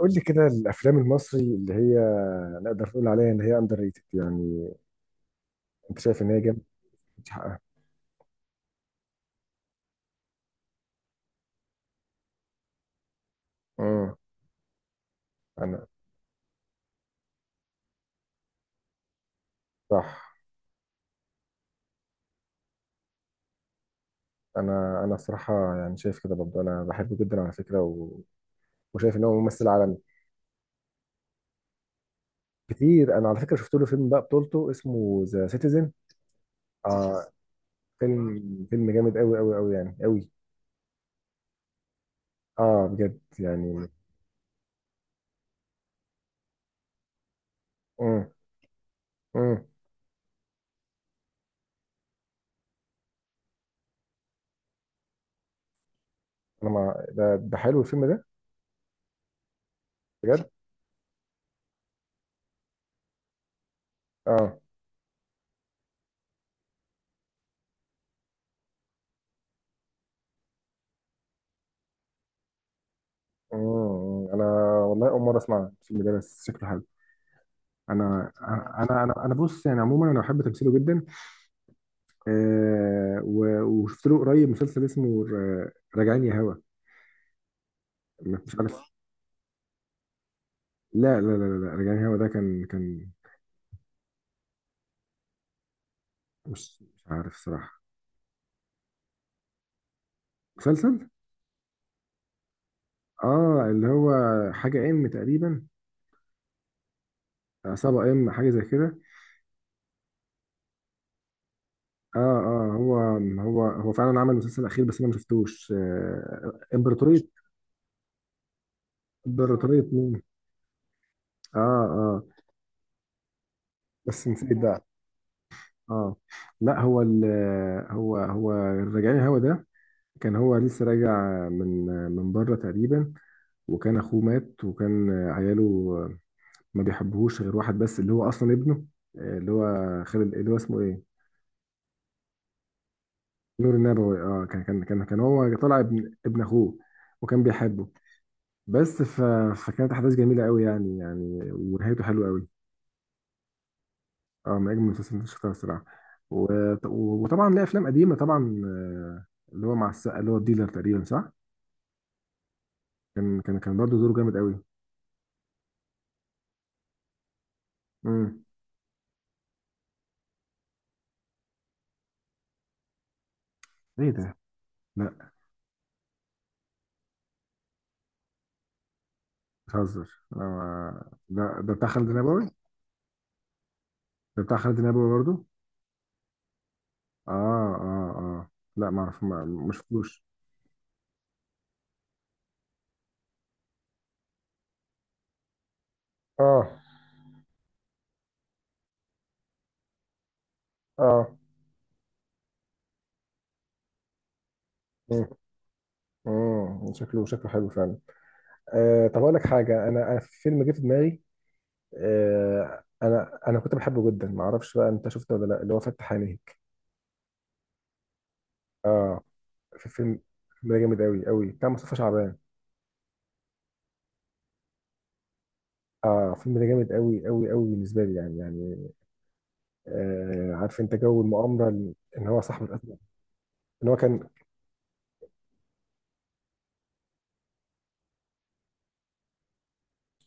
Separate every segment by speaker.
Speaker 1: قول لي كده الافلام المصري اللي هي نقدر نقول عليها ان هي اندر ريتد يعني؟ انت شايف ان هي جامده، مش حقها؟ امم انا. صح. انا الصراحه يعني شايف كده برضه، انا بحبه جدا على فكره، و... وشايف ان هو ممثل عالمي. كتير. انا على فكره شفت له فيلم بقى بطولته اسمه ذا سيتيزن. اه، فيلم فيلم جامد قوي قوي قوي، يعني قوي. اه بجد يعني. امم امم انا، ما ده حلو الفيلم ده. بجد. اه. انا والله اول مره اسمع الفيلم ده، بس شكله حلو. انا انا بص، يعني عموما انا بحب تمثيله جدا. آه، وشفت له قريب مسلسل اسمه راجعين يا هوا، مش عارف. لا لا لا لا، راجعين يا هوا ده كان مش عارف صراحة. مسلسل، اه، اللي هو حاجة ام تقريبا. عصابة ام حاجة زي كده. اه اه، هو هو فعلا عمل مسلسل اخير بس انا ما شفتوش، آه، امبراطورية. امبراطورية مين؟ اه اه. بس نسيت بقى. اه. لا هو ال... هو الرجعي الهوا ده كان هو لسه راجع من، من بره تقريبا. وكان اخوه مات وكان عياله ما بيحبوهوش غير واحد بس، اللي هو اصلا ابنه، اللي هو خالد، اللي هو اسمه ايه... نور النبوي. اه، كان هو طالع ابن، ابن اخوه، وكان بيحبه. بس فكانت احداث جميله قوي يعني، يعني، ونهايته حلوه قوي. اه، من اجمل المسلسلات اللي شفتها الصراحه. و... وطبعا ليه افلام قديمه طبعا، اللي هو مع السقا، اللي هو الديلر تقريبا، صح. كان برضه دوره جامد قوي. امم ايه ده؟ لا، بتهزر، ده بتاع خالد نبوي؟ ده بتاع خالد نبوي برضو؟ اه اه اه، لا ما اعرف، ما شفتوش. اه اه. مم. شكله حلو فعلا. طب اقول لك حاجه، انا في فيلم جه في دماغي. انا كنت بحبه جدا، ما اعرفش بقى انت شفته ولا لا، اللي هو فتح عينيك. اه، في فيلم، فيلم ده جامد قوي قوي بتاع مصطفى شعبان. اه، فيلم ده جامد قوي قوي قوي بالنسبه لي يعني، يعني. آه، عارف انت جو المؤامره، ان هو صاحب الأزرق، ان هو كان...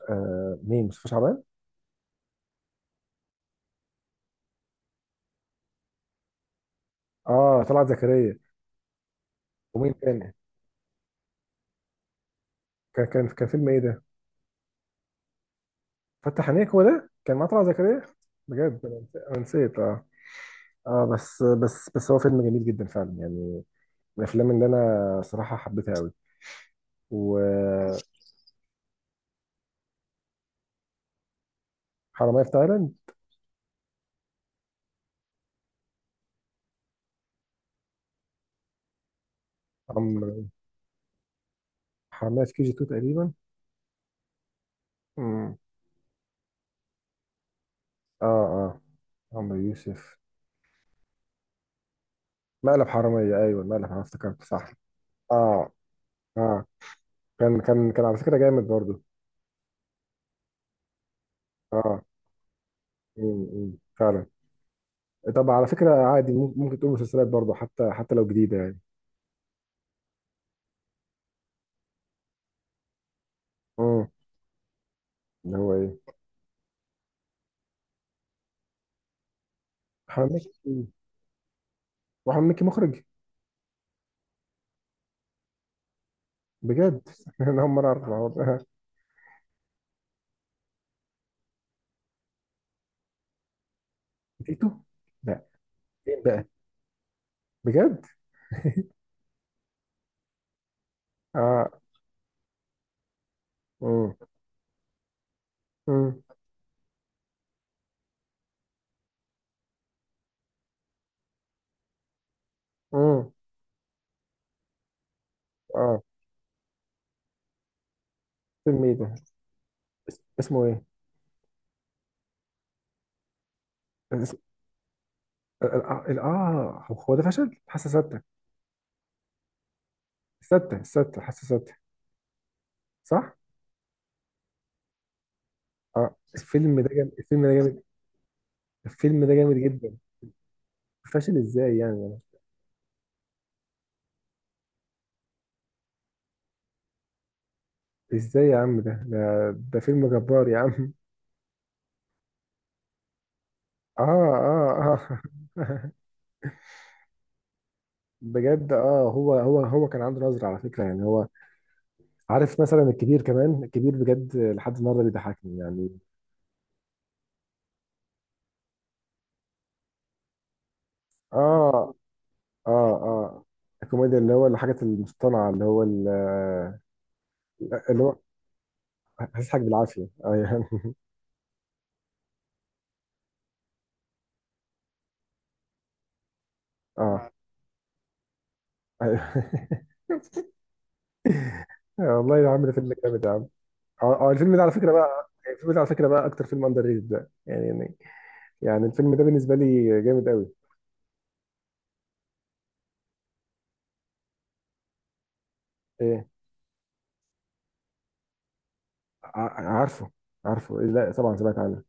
Speaker 1: مين؟ مصطفى شعبان. اه، طلعت زكريا. ومين تاني؟ كان فيلم ايه ده؟ فتح عينيك. هو ده كان مع طلعت زكريا؟ بجد انا نسيت، أنا نسيت، اه. اه بس هو فيلم جميل جدا فعلا يعني، من الافلام اللي انا صراحه حبيتها قوي. وحرامية في تايلاند. عمرو. حرامية في كي جي 2 تقريبا. امم اه اه. عمرو يوسف. مقلب حرامية. ايوه مقلب حرامية، افتكرت صح. اه اه. كان على فكرة جامد برضو. اه. امم، أمم، فعلا. طب على فكرة عادي، ممكن تقول مسلسلات برضه، حتى لو جديدة يعني. اه، اللي هو ايه؟ احمد مكي. واحمد مكي مخرج؟ بجد، انا اول مرة اعرف الحوار ده. تيتو؟ لا. فين بقى؟ بجد. اه. امم امم امم اه. فيلم ايه ده؟ اسمه ايه؟ اس- ال- اه، هو ده فشل. حاسة ستة. ستة حاسة ستة، صح. اه، الفيلم ده جامد، الفيلم ده جامد، الفيلم ده جامد جدا. فاشل ازاي يعني، يعني؟ ازاي يا عم؟ ده فيلم جبار يا عم. اه اه اه. بجد. اه، هو هو كان عنده نظرة على فكرة، يعني هو عارف. مثلا الكبير، كمان الكبير بجد لحد النهارده بيضحكني يعني. اه اه اه، الكوميديا اللي هو الحاجة المصطنعة، اللي هو اللي هو هتضحك بالعافية. اه يعني. اه أيوه. آه، والله يا عم ده فيلم جامد يا عم. اه، الفيلم ده على فكرة بقى، الفيلم ده على فكرة بقى أكتر فيلم أندر ريتد ده، يعني، يعني، يعني الفيلم ده بالنسبة لي جامد قوي. ايه؟ عارفه. عارفه، إيه، لا طبعا سمعت عنه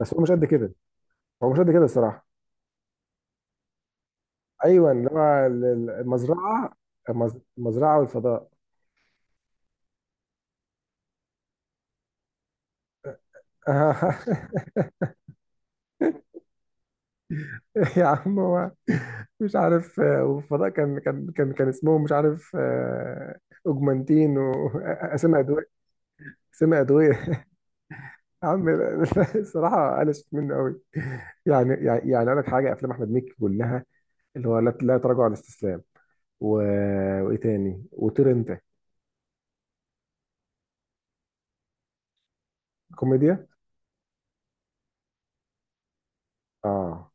Speaker 1: بس هو مش قد كده. هو مش قد كده الصراحه. ايوه، اللي هو المزرعه. المزرعه والفضاء. يا عم هو مش عارف، والفضاء كان اسمهم مش عارف، اوجمانتين واسامي ادويه. اسامي ادويه. يا عم لا، الصراحه قلشت منه قوي يعني، يعني، يعني. اقول لك حاجه، افلام احمد مكي كلها، اللي هو لا لا تراجع ولا استسلام، و... وايه تاني، وطير انت. كوميديا. اه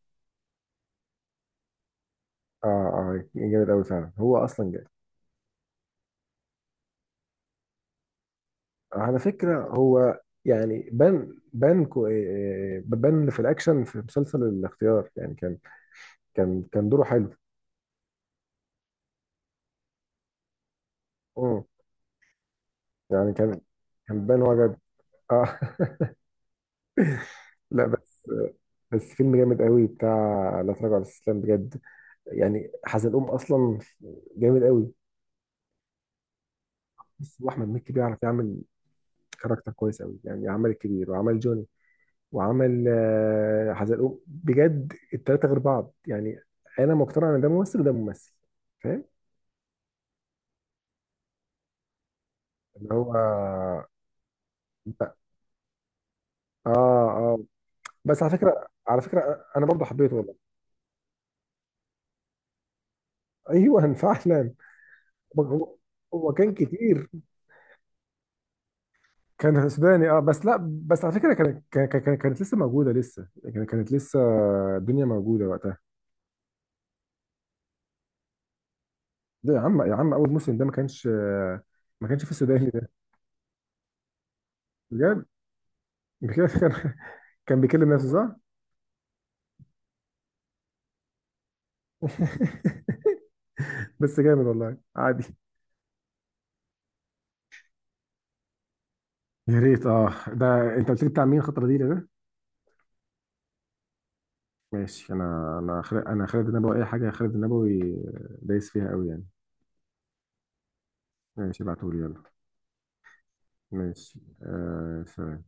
Speaker 1: اه اه، جامد قوي فعلا، هو اصلا جامد. على فكره هو يعني بان، كو إيه، بان في الاكشن في مسلسل الاختيار يعني، كان دوره حلو. امم يعني كان، كان بان هو جد. اه. لا بس، بس فيلم جامد قوي بتاع لا تراجع ولا استسلام بجد، يعني حزلقوم اصلا جامد قوي. بس واحمد مكي بيعرف يعمل كاركتر كويس قوي، يعني عمل الكبير وعمل جون وعمل، حزلقوم، بجد التلاتة غير بعض يعني. انا مقتنع ان ده ممثل وده ممثل. فاهم اللي هو. لا. اه اه، بس على فكرة، على فكرة انا برضه حبيته والله. ايوه فعلا. هو هو كان كتير. كان سوداني اه، بس لا، بس على فكرة كانت، كانت لسه موجودة لسه، كانت لسه الدنيا موجودة وقتها. ده يا عم، يا عم اول موسم ده ما كانش، ما كانش في السوداني ده. بجد؟ بجد. كان، كان بيكلم نفسه صح؟ بس جامد والله، عادي. يا ريت. اه ده انت قلت لي بتاع مين خطر دي ده؟ ماشي، انا خالد، انا خالد النبوي اي حاجه خالد النبوي دايس فيها قوي يعني. ماشي، ابعتهولي يلا. ماشي، آه سلام.